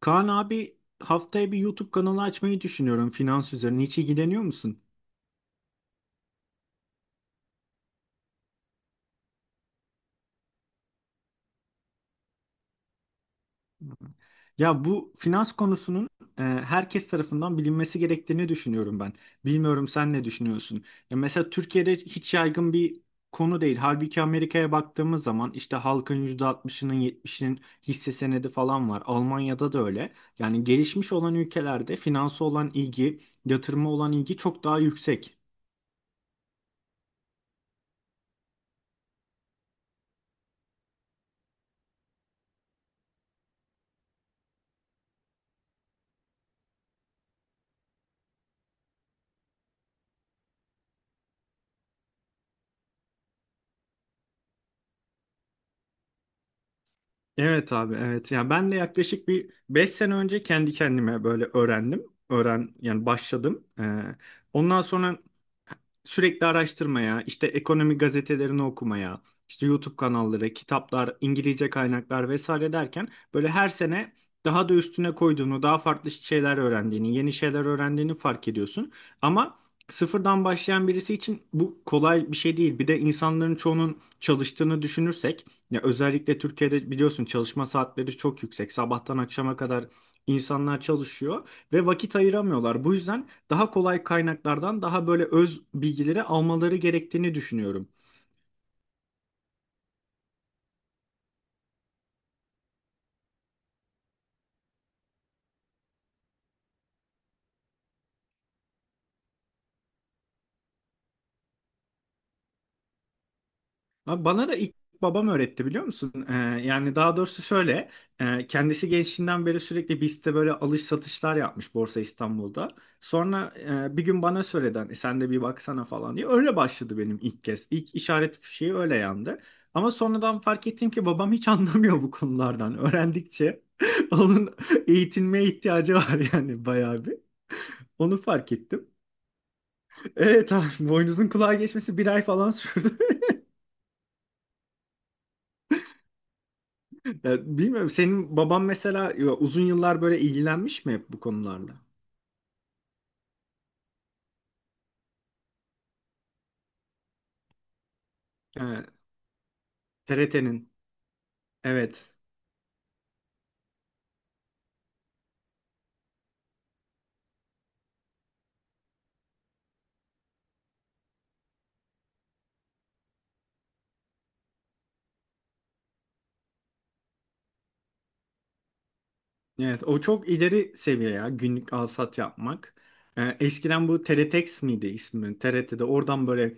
Kaan abi, haftaya bir YouTube kanalı açmayı düşünüyorum finans üzerine. Hiç ilgileniyor musun? Ya bu finans konusunun herkes tarafından bilinmesi gerektiğini düşünüyorum ben. Bilmiyorum sen ne düşünüyorsun? Ya mesela Türkiye'de hiç yaygın bir konu değil. Halbuki Amerika'ya baktığımız zaman işte halkın %60'ının 70'inin hisse senedi falan var. Almanya'da da öyle. Yani gelişmiş olan ülkelerde finansa olan ilgi, yatırıma olan ilgi çok daha yüksek. Evet abi, evet. Yani ben de yaklaşık bir 5 sene önce kendi kendime böyle öğrendim. Yani başladım. Ondan sonra sürekli araştırmaya, işte ekonomi gazetelerini okumaya, işte YouTube kanalları, kitaplar, İngilizce kaynaklar vesaire derken böyle her sene daha da üstüne koyduğunu, daha farklı şeyler öğrendiğini, yeni şeyler öğrendiğini fark ediyorsun. Ama sıfırdan başlayan birisi için bu kolay bir şey değil. Bir de insanların çoğunun çalıştığını düşünürsek, ya özellikle Türkiye'de biliyorsun çalışma saatleri çok yüksek. Sabahtan akşama kadar insanlar çalışıyor ve vakit ayıramıyorlar. Bu yüzden daha kolay kaynaklardan daha böyle öz bilgileri almaları gerektiğini düşünüyorum. Ama bana da ilk babam öğretti, biliyor musun? Yani daha doğrusu şöyle, kendisi gençliğinden beri sürekli BIST'te böyle alış satışlar yapmış, Borsa İstanbul'da. Sonra bir gün bana söyledi, hani sen de bir baksana falan diye. Öyle başladı benim ilk kez. İlk işaret fişeği öyle yandı. Ama sonradan fark ettim ki babam hiç anlamıyor bu konulardan. Öğrendikçe onun eğitilmeye ihtiyacı var yani, bayağı bir. Onu fark ettim. Evet abi, boynuzun kulağa geçmesi bir ay falan sürdü. Ya, bilmiyorum senin baban mesela, ya uzun yıllar böyle ilgilenmiş mi hep bu konularla? Evet, TRT'nin. Evet, evet. O çok ileri seviye ya, günlük alsat yapmak. Eskiden bu TRTX miydi ismi? TRT'de oradan böyle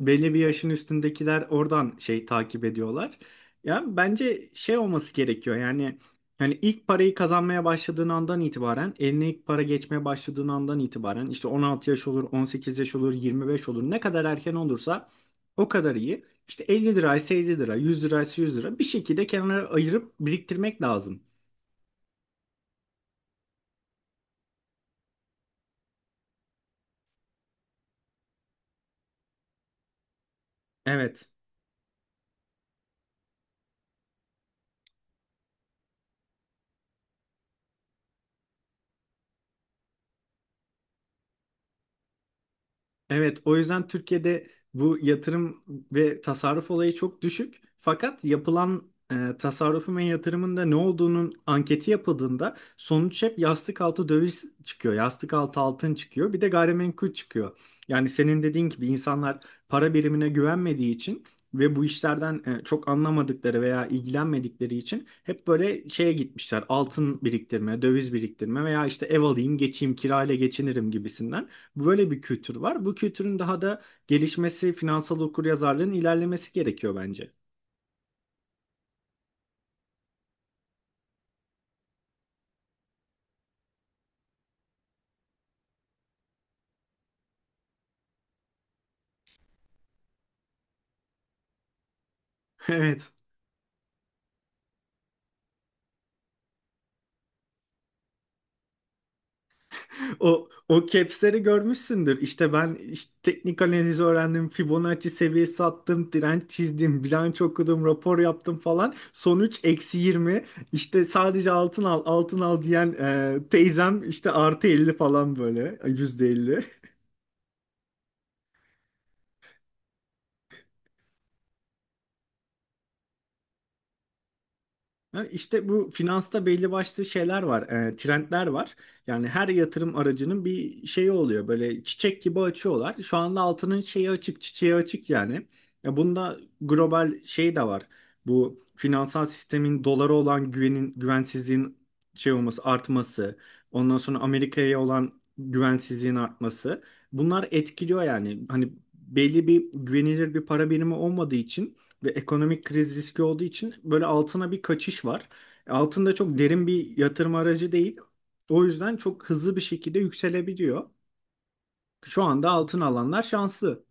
belli bir yaşın üstündekiler oradan şey takip ediyorlar. Ya bence şey olması gerekiyor. Yani hani ilk parayı kazanmaya başladığın andan itibaren, eline ilk para geçmeye başladığın andan itibaren, işte 16 yaş olur, 18 yaş olur, 25 olur. Ne kadar erken olursa o kadar iyi. İşte 50 liraysa 50 lira, 100 liraysa 100 lira, bir şekilde kenara ayırıp biriktirmek lazım. Evet. Evet, o yüzden Türkiye'de bu yatırım ve tasarruf olayı çok düşük. Fakat yapılan tasarrufun ve yatırımın da ne olduğunun anketi yapıldığında, sonuç hep yastık altı döviz çıkıyor, yastık altı altın çıkıyor, bir de gayrimenkul çıkıyor. Yani senin dediğin gibi insanlar para birimine güvenmediği için ve bu işlerden çok anlamadıkları veya ilgilenmedikleri için hep böyle şeye gitmişler: altın biriktirme, döviz biriktirme veya işte ev alayım, geçeyim, kirayla geçinirim gibisinden. Böyle bir kültür var. Bu kültürün daha da gelişmesi, finansal okuryazarlığın ilerlemesi gerekiyor bence. Evet. O caps'leri görmüşsündür. İşte ben işte teknik analizi öğrendim, Fibonacci seviyesi attım, direnç çizdim, bilanço okudum, rapor yaptım falan. Sonuç -20. İşte sadece altın al, altın al diyen teyzem işte artı 50 falan, böyle %50. Yani İşte bu finansta belli başlı şeyler var, trendler var. Yani her yatırım aracının bir şeyi oluyor. Böyle çiçek gibi açıyorlar. Şu anda altının şeyi açık, çiçeği açık yani. Bunda global şey de var. Bu finansal sistemin, dolara olan güvenin, güvensizliğin şey olması, artması. Ondan sonra Amerika'ya olan güvensizliğin artması. Bunlar etkiliyor yani. Hani belli bir güvenilir bir para birimi olmadığı için ve ekonomik kriz riski olduğu için böyle altına bir kaçış var. Altın da çok derin bir yatırım aracı değil. O yüzden çok hızlı bir şekilde yükselebiliyor. Şu anda altın alanlar şanslı.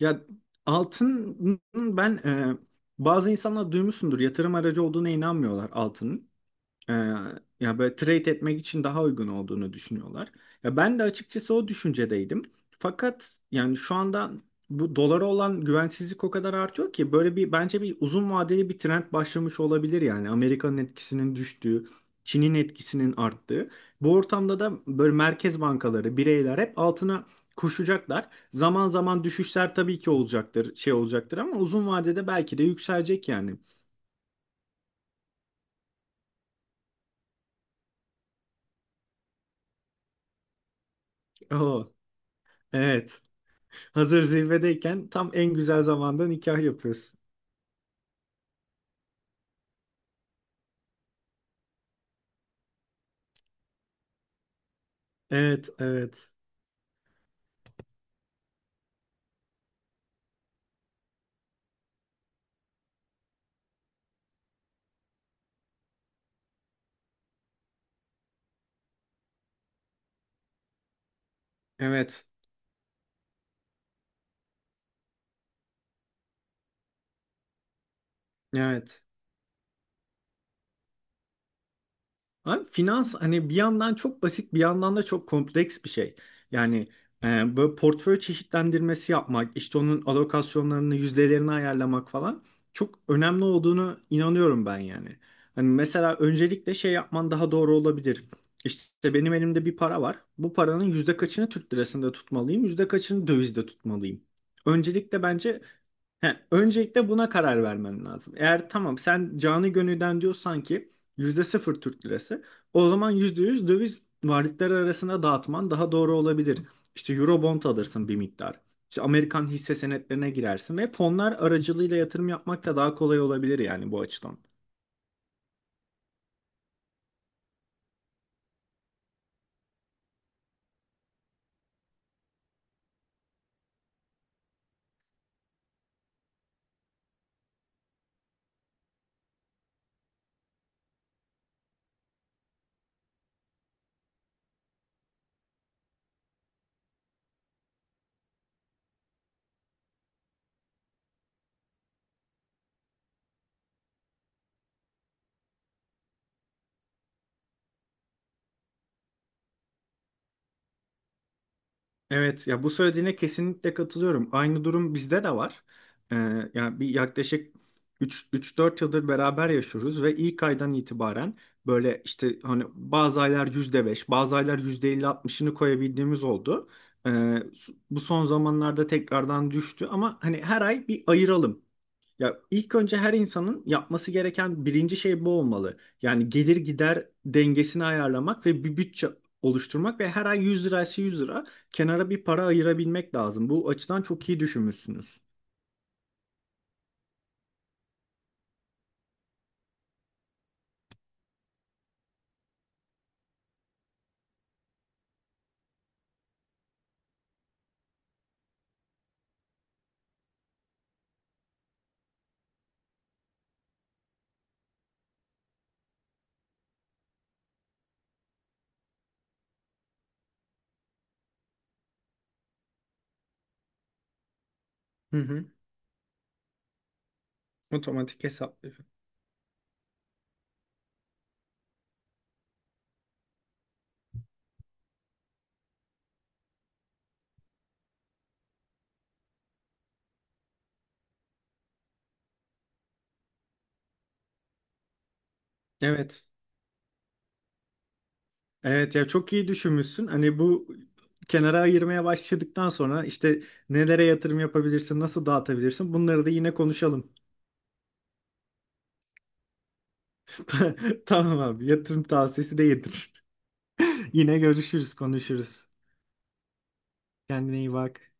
Ya altın, ben bazı insanlar duymuşsundur, yatırım aracı olduğuna inanmıyorlar altının. Ee, ya böyle trade etmek için daha uygun olduğunu düşünüyorlar. Ya ben de açıkçası o düşüncedeydim. Fakat yani şu anda bu dolara olan güvensizlik o kadar artıyor ki böyle bir, bence bir uzun vadeli bir trend başlamış olabilir yani. Amerika'nın etkisinin düştüğü, Çin'in etkisinin arttığı. Bu ortamda da böyle merkez bankaları, bireyler hep altına koşacaklar. Zaman zaman düşüşler tabii ki olacaktır, şey olacaktır, ama uzun vadede belki de yükselecek yani. Oo, evet. Hazır zirvedeyken, tam en güzel zamanda nikah yapıyorsun. Evet, evet, evet, evet. Abi finans, hani bir yandan çok basit, bir yandan da çok kompleks bir şey. Yani böyle portföy çeşitlendirmesi yapmak, işte onun alokasyonlarını, yüzdelerini ayarlamak falan çok önemli olduğunu inanıyorum ben yani. Hani mesela öncelikle şey yapman daha doğru olabilir. İşte benim elimde bir para var. Bu paranın yüzde kaçını Türk lirasında tutmalıyım, yüzde kaçını dövizde tutmalıyım. Öncelikle bence He, öncelikle buna karar vermen lazım. Eğer tamam sen canı gönülden diyorsan ki %0 Türk lirası, o zaman %100 döviz varlıkları arasında dağıtman daha doğru olabilir. İşte Eurobond alırsın bir miktar. İşte Amerikan hisse senetlerine girersin ve fonlar aracılığıyla yatırım yapmak da daha kolay olabilir yani, bu açıdan. Evet ya, bu söylediğine kesinlikle katılıyorum. Aynı durum bizde de var. Ee, yani bir yaklaşık 3-4 yıldır beraber yaşıyoruz ve ilk aydan itibaren böyle işte hani bazı aylar %5, bazı aylar yüzde elli altmışını koyabildiğimiz oldu. Ee, bu son zamanlarda tekrardan düştü, ama hani her ay bir ayıralım. Ya ilk önce her insanın yapması gereken birinci şey bu olmalı. Yani gelir gider dengesini ayarlamak ve bir bütçe oluşturmak ve her ay 100 liraysa 100 lira kenara bir para ayırabilmek lazım. Bu açıdan çok iyi düşünmüşsünüz. Hı hı. Otomatik hesaplıyor. Evet. Evet ya, çok iyi düşünmüşsün. Hani bu kenara ayırmaya başladıktan sonra işte nelere yatırım yapabilirsin, nasıl dağıtabilirsin, bunları da yine konuşalım. Tamam abi, yatırım tavsiyesi de yedir. Yine görüşürüz, konuşuruz. Kendine iyi bak.